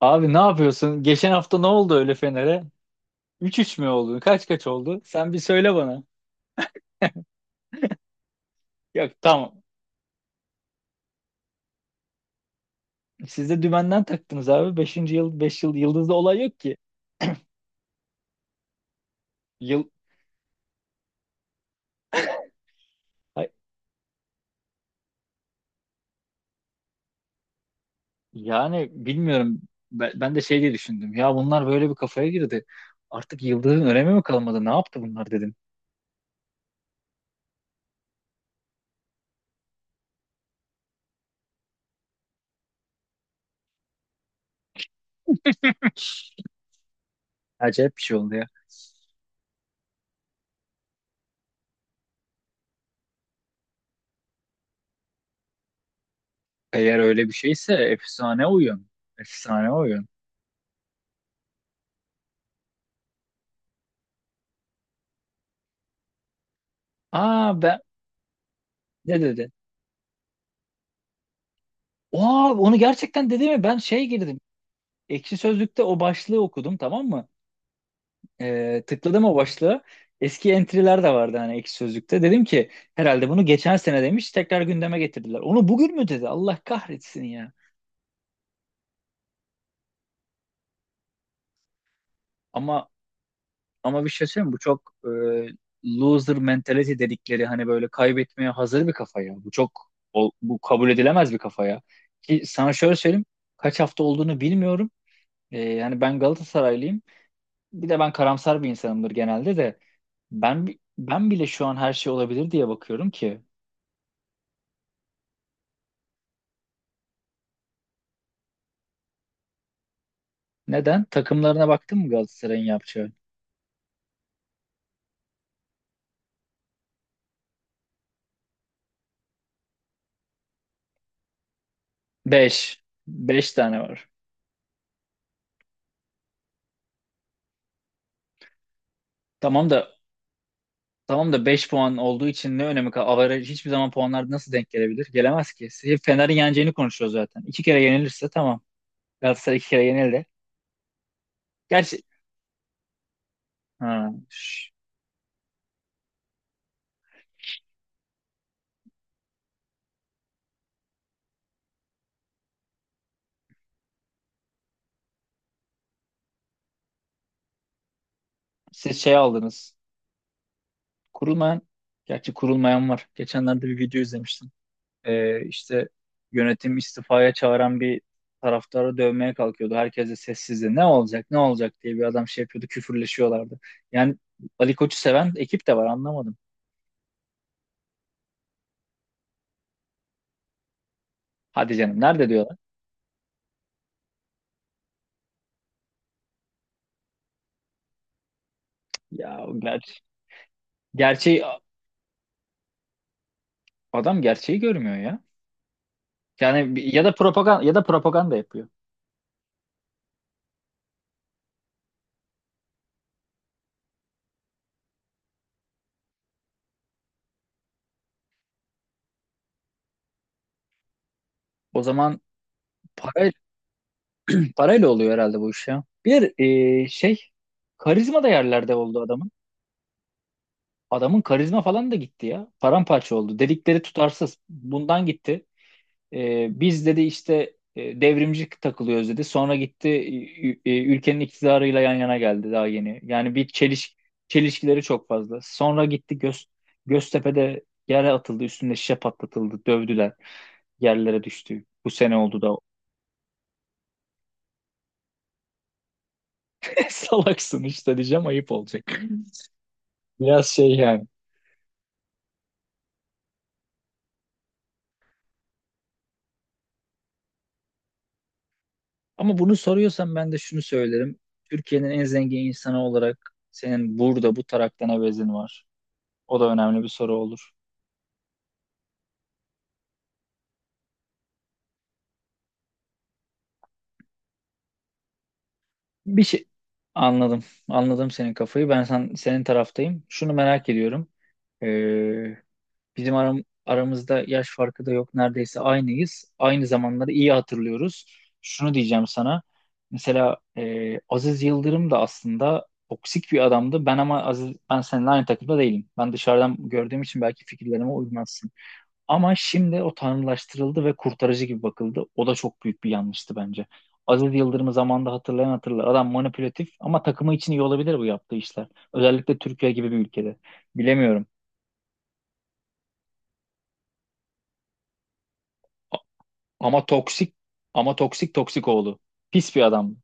Abi ne yapıyorsun? Geçen hafta ne oldu öyle Fener'e? 3-3 mü oldu? Kaç kaç oldu? Sen bir söyle bana. Yok, tamam. Siz de dümenden taktınız abi. Beşinci yıl 5 yıl yıldızda olay yok ki. Yıl Ay, yani bilmiyorum. Ben de şey diye düşündüm. Ya bunlar böyle bir kafaya girdi. Artık yıldızın önemi mi kalmadı? Ne yaptı bunlar dedim. Acayip bir şey oldu ya. Eğer öyle bir şeyse efsane oyun. Efsane oyun. Aa, ben ne dedi? Aa, onu gerçekten dedi mi? Ben şey girdim, Ekşi Sözlük'te o başlığı okudum, tamam mı? Tıkladım o başlığı. Eski entry'ler de vardı hani Ekşi Sözlük'te. Dedim ki herhalde bunu geçen sene demiş, tekrar gündeme getirdiler. Onu bugün mü dedi? Allah kahretsin ya. Ama ama bir şey söyleyeyim mi? Bu çok loser mentality dedikleri hani böyle kaybetmeye hazır bir kafa ya. Bu kabul edilemez bir kafa ya. Ki sana şöyle söyleyeyim. Kaç hafta olduğunu bilmiyorum. Yani ben Galatasaraylıyım. Bir de ben karamsar bir insanımdır genelde de. Ben bile şu an her şey olabilir diye bakıyorum ki. Neden? Takımlarına baktın mı Galatasaray'ın yapacağı? Beş tane var. Tamam da tamam da 5 puan olduğu için ne önemi kaldı? Average hiçbir zaman puanlar nasıl denk gelebilir? Gelemez ki. Hep Fener'in yeneceğini konuşuyor zaten. İki kere yenilirse tamam. Galatasaray iki kere yenildi. Gerçi ha, şş, siz şey aldınız. Kurulmayan Gerçi kurulmayan var. Geçenlerde bir video izlemiştim. İşte yönetim istifaya çağıran bir taraftarı dövmeye kalkıyordu. Herkes de sessizdi. Ne olacak, ne olacak diye bir adam şey yapıyordu, küfürleşiyorlardı. Yani Ali Koç'u seven ekip de var, anlamadım. Hadi canım, nerede diyorlar? Ya ger gerçeği adam gerçeği görmüyor ya. Yani ya da propaganda yapıyor. O zaman para parayla oluyor herhalde bu iş ya. Bir e, şey Karizma da yerlerde oldu adamın. Adamın karizma falan da gitti ya. Paramparça oldu. Dedikleri tutarsız. Bundan gitti. Biz dedi işte devrimci takılıyoruz dedi. Sonra gitti ülkenin iktidarıyla yan yana geldi daha yeni. Yani bir çeliş çelişkileri çok fazla. Sonra gitti Göztepe'de yere atıldı, üstünde şişe patlatıldı, dövdüler, yerlere düştü. Bu sene oldu da salaksın işte diyeceğim, ayıp olacak. Biraz şey yani. Ama bunu soruyorsan ben de şunu söylerim. Türkiye'nin en zengin insanı olarak senin burada bu taraktan evezin var. O da önemli bir soru olur. Bir şey anladım. Anladım senin kafayı. Ben senin taraftayım. Şunu merak ediyorum. Ee, Bizim aramızda yaş farkı da yok. Neredeyse aynıyız. Aynı zamanları iyi hatırlıyoruz. Şunu diyeceğim sana. Mesela Aziz Yıldırım da aslında toksik bir adamdı. Ben, ama Aziz, ben seninle aynı takımda değilim. Ben dışarıdan gördüğüm için belki fikirlerime uymazsın. Ama şimdi o tanrılaştırıldı ve kurtarıcı gibi bakıldı. O da çok büyük bir yanlıştı bence. Aziz Yıldırım'ı zamanında hatırlayan hatırlar. Adam manipülatif, ama takımı için iyi olabilir bu yaptığı işler. Özellikle Türkiye gibi bir ülkede. Bilemiyorum. Ama toksik, ama toksik, toksik oğlu. Pis bir adam.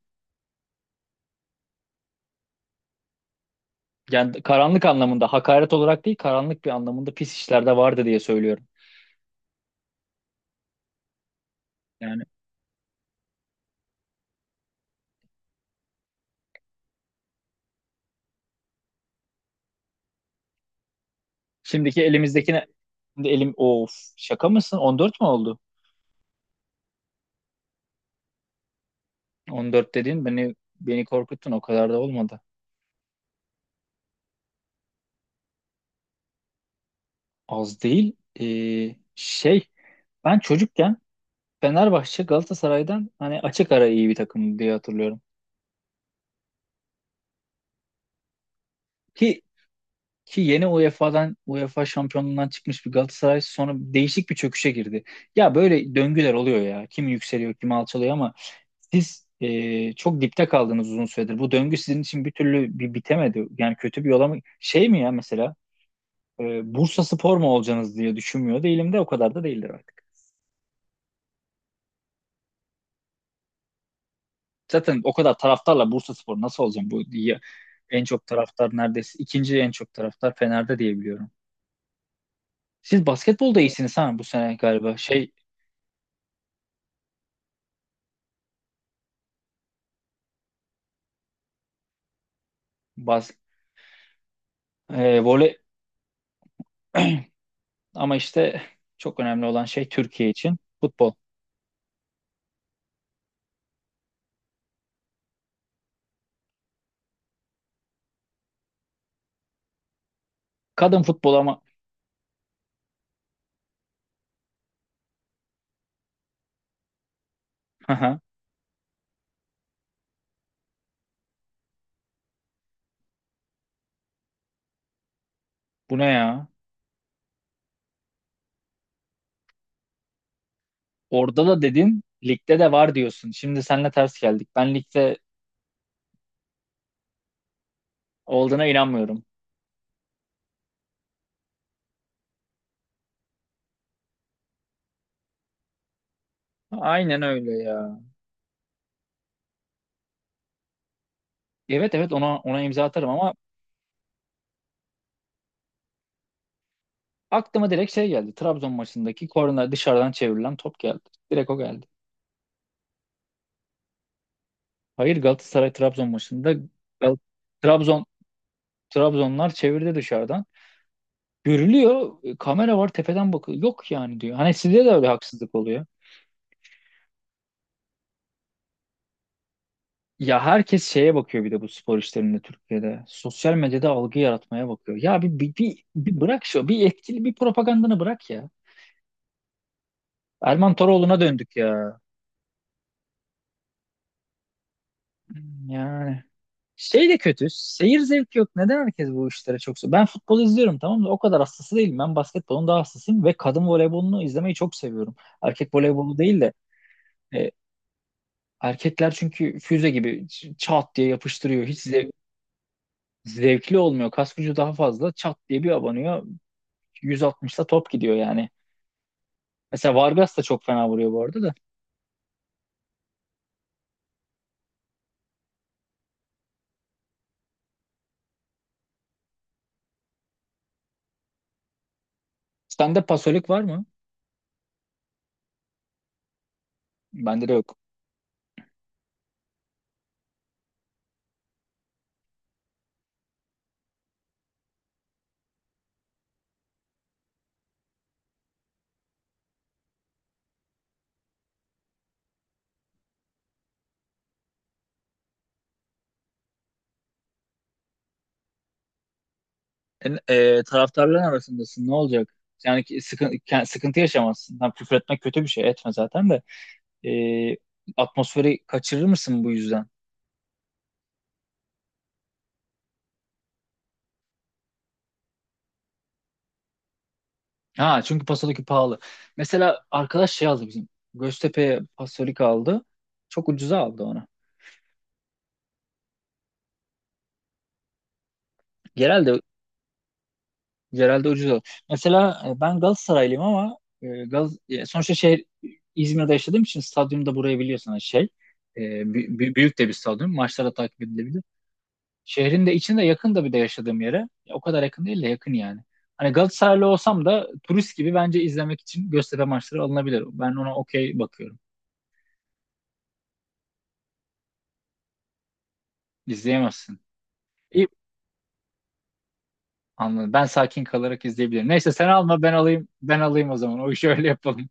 Yani karanlık anlamında, hakaret olarak değil, karanlık bir anlamında pis işlerde vardı diye söylüyorum. Yani şimdiki elimizdekine şimdi elim of Şaka mısın? 14 mü oldu? 14 dediğin beni korkuttun, o kadar da olmadı. Az değil. Ee, şey Ben çocukken Fenerbahçe Galatasaray'dan hani açık ara iyi bir takım diye hatırlıyorum. Ki ki yeni UEFA şampiyonluğundan çıkmış bir Galatasaray sonra değişik bir çöküşe girdi. Ya böyle döngüler oluyor ya. Kim yükseliyor, kim alçalıyor, ama siz çok dipte kaldınız uzun süredir. Bu döngü sizin için bir türlü bitemedi. Yani kötü bir yola mı, şey mi ya, mesela e, Bursa Spor mu olacaksınız diye düşünmüyor değilim de o kadar da değildir artık. Zaten o kadar taraftarla Bursaspor nasıl olacağım bu diye, en çok taraftar, neredeyse ikinci en çok taraftar Fener'de diye biliyorum. Siz basketbolda iyisiniz ha bu sene galiba. Şey bas e, voley Ama işte çok önemli olan şey Türkiye için futbol. Kadın futbol ama aha, bu ne ya? Orada da dedin, ligde de var diyorsun. Şimdi seninle ters geldik. Ben ligde olduğuna inanmıyorum. Aynen öyle ya. Evet, evet, ona imza atarım ama aklıma direkt şey geldi. Trabzon maçındaki korner dışarıdan çevrilen top geldi. Direkt o geldi. Hayır, Galatasaray Trabzon maçında Gal- Trabzon Trabzonlar çevirdi dışarıdan. Görülüyor. Kamera var tepeden bakıyor. Yok yani diyor. Hani sizde de öyle haksızlık oluyor. Ya herkes şeye bakıyor bir de bu spor işlerinde Türkiye'de. Sosyal medyada algı yaratmaya bakıyor. Ya bir bırak şu. Bir etkili bir propagandanı bırak ya. Erman Toroğlu'na döndük ya. Yani. Şey de kötü. Seyir zevki yok. Neden herkes bu işlere çok seviyor? Ben futbol izliyorum, tamam da o kadar hastası değilim. Ben basketbolun daha hastasıyım ve kadın voleybolunu izlemeyi çok seviyorum. Erkek voleybolu değil de e, erkekler çünkü füze gibi çat diye yapıştırıyor. Hiç zevkli olmuyor. Kas gücü daha fazla. Çat diye bir abanıyor. 160'la top gidiyor yani. Mesela Vargas da çok fena vuruyor bu arada da. Sende pasolik var mı? Bende de yok. Taraftarların arasındasın, ne olacak? Yani ki sıkıntı yaşamazsın. Tam küfür etmek kötü bir şey, etme zaten de. E, Atmosferi kaçırır mısın bu yüzden? Ha, çünkü pasolik pahalı. Mesela arkadaş şey aldı bizim. Göztepe'ye pasolik aldı. Çok ucuza aldı onu. Genelde genelde ucuz aldı. Mesela ben Galatasaraylıyım, ama sonuçta şehir İzmir'de yaşadığım için stadyumda, burayı biliyorsun hani şey. Büyük de bir stadyum. Maçlara takip edilebilir. Şehrin de içinde, yakın da bir de yaşadığım yere. Ya, o kadar yakın değil de yakın yani. Hani Galatasaraylı olsam da turist gibi bence izlemek için Göztepe maçları alınabilir. Ben ona okey bakıyorum. İzleyemezsin. İyi, anladım. Ben sakin kalarak izleyebilirim. Neyse, sen alma ben alayım. Ben alayım o zaman. O işi öyle yapalım.